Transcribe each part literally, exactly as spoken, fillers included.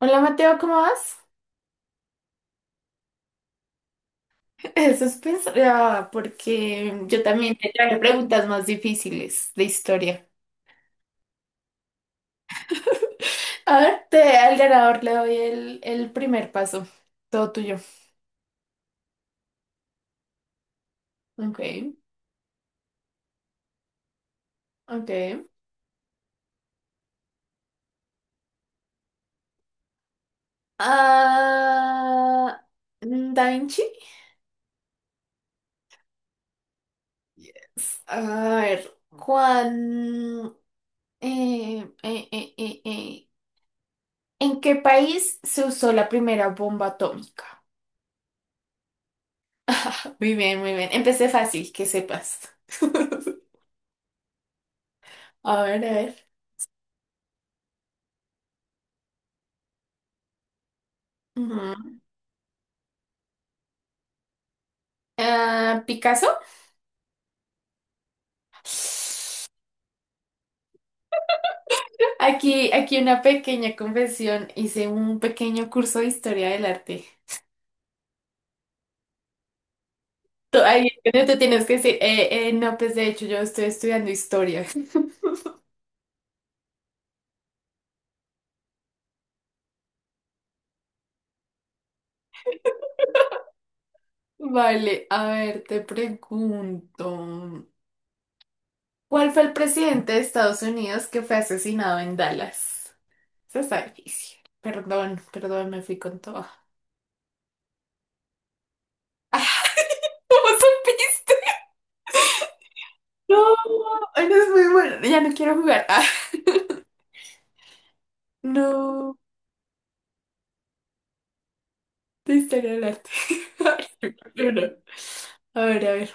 Hola Mateo, ¿cómo vas? Eso es pensar, porque yo también te traje preguntas más difíciles de historia. A ver, te, al ganador le doy el, el primer paso. Todo tuyo. Ok, ok. Ah, mm, Da Vinci. S- A ver, ¿cuán- eh, eh, eh, eh, eh, ¿en qué país se usó la primera bomba atómica? Muy bien, muy bien. Empecé fácil, que sepas. A ver, a ver. Ujú. Ah, Picasso. Aquí, aquí una pequeña confesión. Hice un pequeño curso de historia del arte. Tú, ahí es donde te tienes que decir, eh, eh, no, pues de hecho yo estoy estudiando historia. Vale, a ver, te pregunto. ¿Cuál fue el presidente de Estados Unidos que fue asesinado en Dallas? Eso está difícil. Perdón, perdón, me fui con todo. ¿Cómo supiste? No, no es muy bueno. Ya no quiero jugar. No, de historia del arte. No, no. A ver, a ver.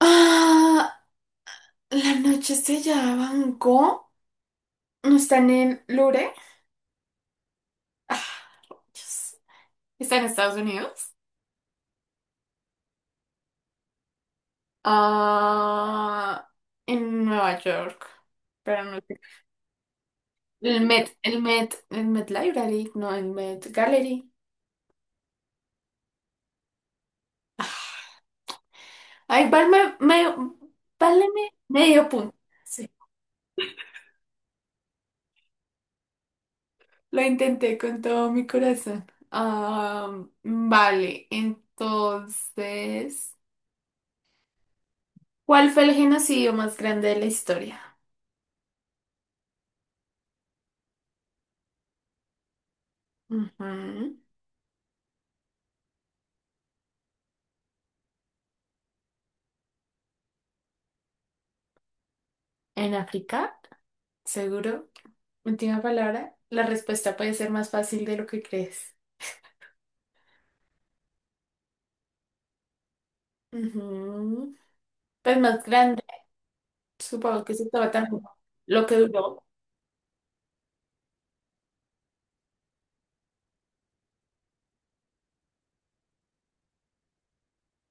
Ah, la noche estrellada de Van Gogh. ¿No están en Louvre? Ah, Dios. ¿Está en Estados Unidos? Ah, en Nueva York. Pero no sé. El Met, el Met, el Met Library, no, el Met Gallery. Ah, ay, válme- me- váleme medio punto. Sí. Lo intenté con todo mi corazón. Ah, vale, entonces, ¿cuál fue el genocidio más grande de la historia? Ujú. ¿En África? Seguro. Última palabra. La respuesta puede ser más fácil de lo que crees. Ujú. Pues más grande. Supongo que se estaba tan lo que duró.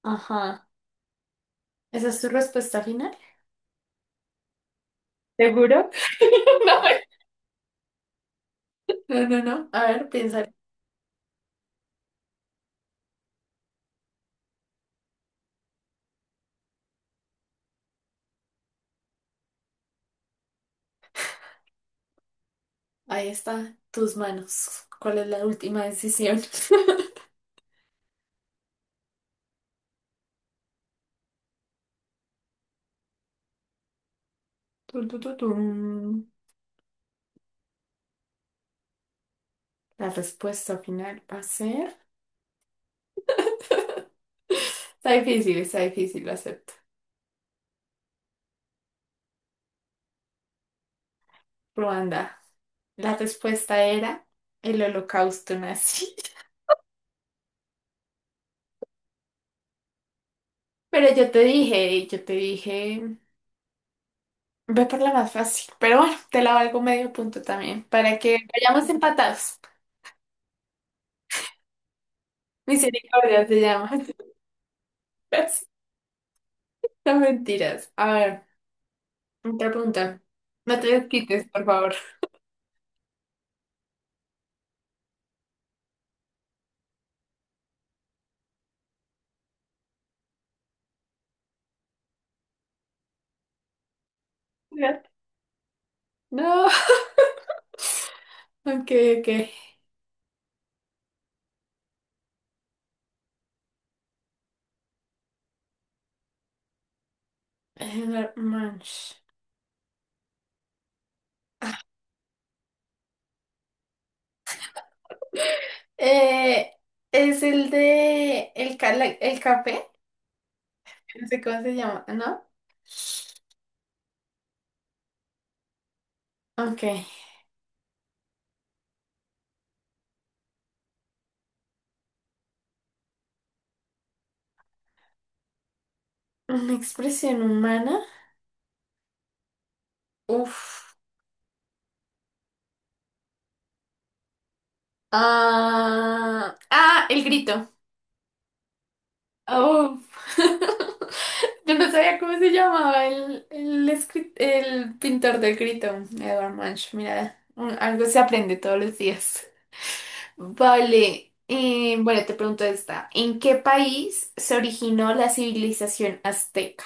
Ajá. ¿Esa es tu respuesta final? ¿Seguro? No, no, no. no. A ver, piensa. Ahí está, tus manos. ¿Cuál es la última decisión? Tun, tun, tun, tun. La respuesta final va a ser... Está difícil, está difícil, lo acepto. Ruanda. La respuesta era el holocausto nazi. Pero yo te dije, yo te dije, ve por la más fácil. Pero bueno, te la valgo medio punto también, para que vayamos empatados. Misericordia se llama. Gracias. No, mentiras. A ver, otra pregunta. No te desquites, por favor. No. Okay, okay. Anger Munch. Eh, es el de el, ca- la- el café, no sé cómo se llama, ¿no? Okay. Una expresión humana. Uf. Ah, ah, el grito. Uf. Yo no sabía cómo se llamaba el, el, escri- el pintor del grito, Edward Munch. Mira, un- algo se aprende todos los días. Vale, eh, bueno, te pregunto esta. ¿En qué país se originó la civilización azteca?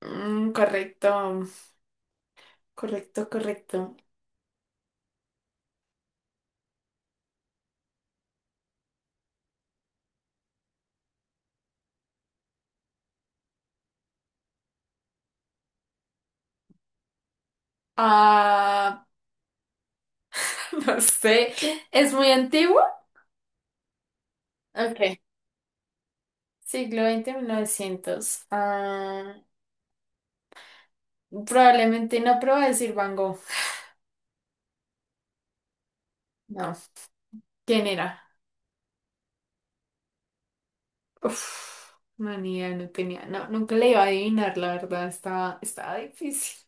Mm, correcto, correcto, correcto. Ah, no sé, ¿es muy antiguo? Ok, siglo veinte, novecientos. Ah, probablemente no, pero voy a decir Van Gogh. No, ¿quién era? Uf, no, ni idea, no tenía, no, nunca le iba a adivinar, la verdad, estaba, estaba difícil.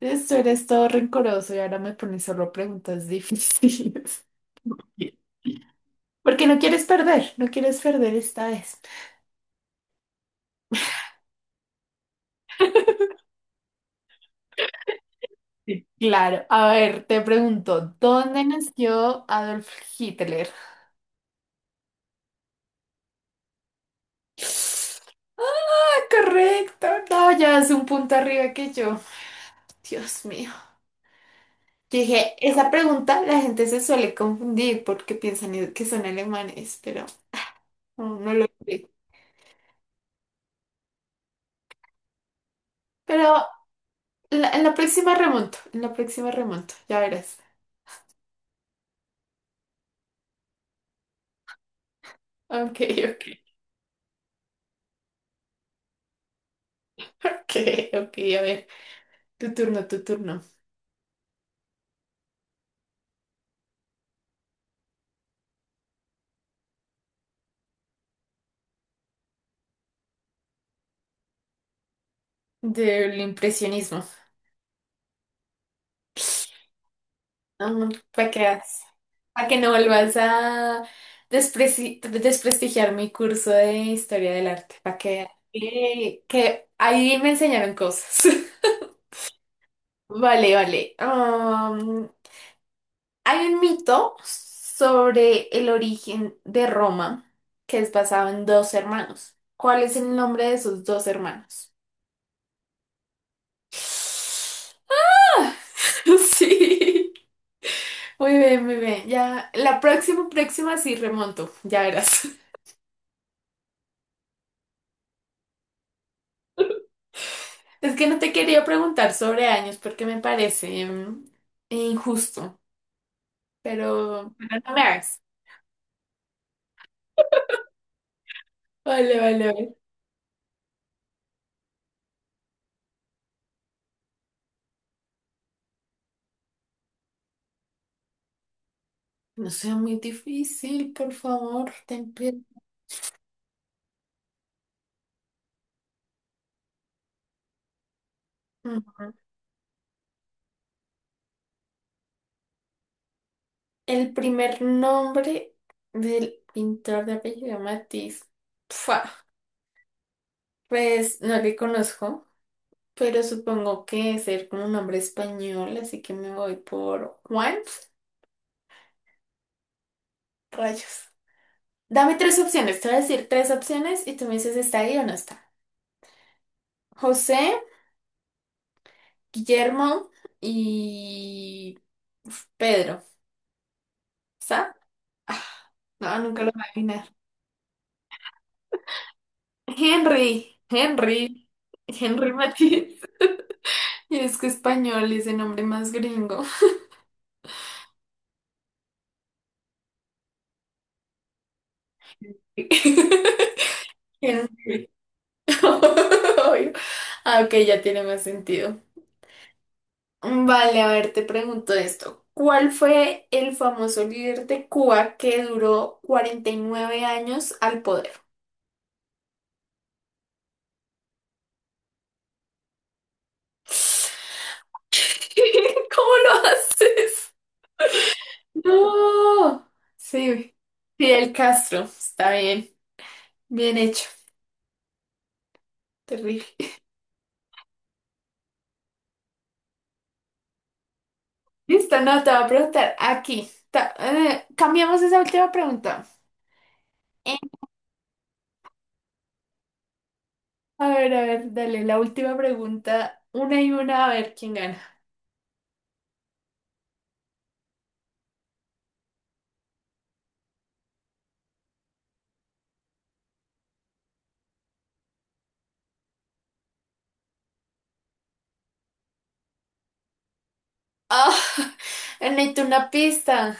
Esto eres todo rencoroso y ahora me pones solo preguntas difíciles. Porque no quieres perder, no quieres perder esta vez. Sí. Claro, a ver, te pregunto, ¿dónde nació Adolf Hitler? Correcto, no, ya es un punto arriba que yo. Dios mío. Yo Dije, esa pregunta la gente se suele confundir porque piensan que son alemanes, pero no, no lo sé. Pero en la, en la próxima remonto, en la próxima remonto, ya verás. Ok, ok. Ok, ok, a ver. Tu turno, tu turno. Del impresionismo. No, para que veas, para que no vuelvas a despreci- desprestigiar mi curso de historia del arte. Para que que que ahí me enseñaron cosas. Vale, vale. Am, hay un mito sobre el origen de Roma que es basado en dos hermanos. ¿Cuál es el nombre de esos dos hermanos? Sí. Muy bien, muy bien. Ya, la próxima, próxima sí remonto, ya verás. Es que no te quería preguntar sobre años porque me parece mm, injusto, pero, pero no me hagas. Vale, vale, vale. No sea muy difícil, por favor, ten piedad. Mm. El primer nombre del pintor de apellido Matiz. Pfua, pues no le conozco. Pero supongo que ser como un nombre español, así que me voy por Juan. Rayos. Dame tres opciones. Te voy a decir tres opciones y tú me dices está ahí o no está. José, Guillermo y uf, Pedro. ¿Está? Ah, no, nunca lo voy a adivinar. Henry, Henry, Henry Matiz. Y es que español es el nombre más gringo. Hen- Ah, ok, ya tiene más sentido. Vale, a ver, te pregunto esto. ¿Cuál fue el famoso líder de Cuba que duró cuarenta y nueve años al poder? ¿Cómo lo haces? No. Sí, Fidel Castro. Está bien, bien hecho. Terrible. Listo, no, te voy a preguntar aquí. Ta- eh, cambiamos esa última pregunta. Eh, a ver, a ver, dale, la última pregunta. Una y una, a ver quién gana. Ah, necesito una pista.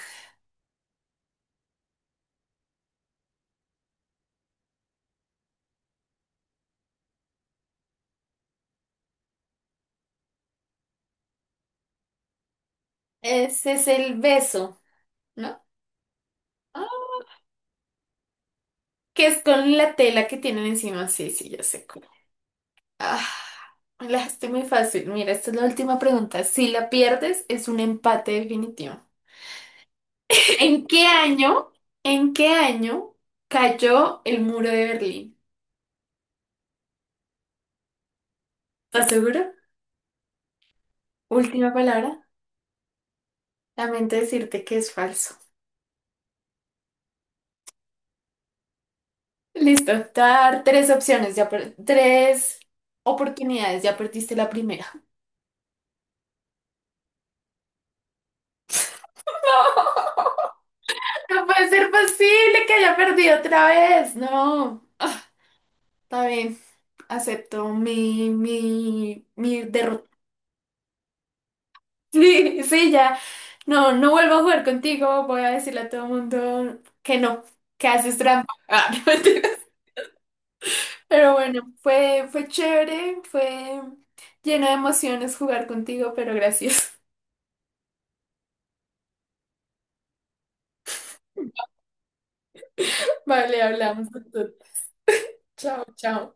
Ese es el beso, ¿no? Ah, que es con la tela que tienen encima. Sí, sí, ya sé cómo. Ah, me la dejaste muy fácil. Mira, esta es la última pregunta. Si la pierdes, es un empate definitivo. ¿En qué año? ¿En qué año cayó el muro de Berlín? ¿Estás seguro? Última palabra. Lamento decirte que es falso. Listo. Te voy a dar tres opciones. Ya per- tres oportunidades. Ya perdiste la primera. No puede ser posible que haya perdido otra vez. No. Ah, está bien. Acepto mi, mi, mi derrota. Sí, sí, ya. No, no vuelvo a jugar contigo. Voy a decirle a todo el mundo que no, que haces trampa. Ah, no, mentira. Pero bueno, fue, fue chévere, fue lleno de emociones jugar contigo, pero gracias. Vale, hablamos. entonces. Chao, chao.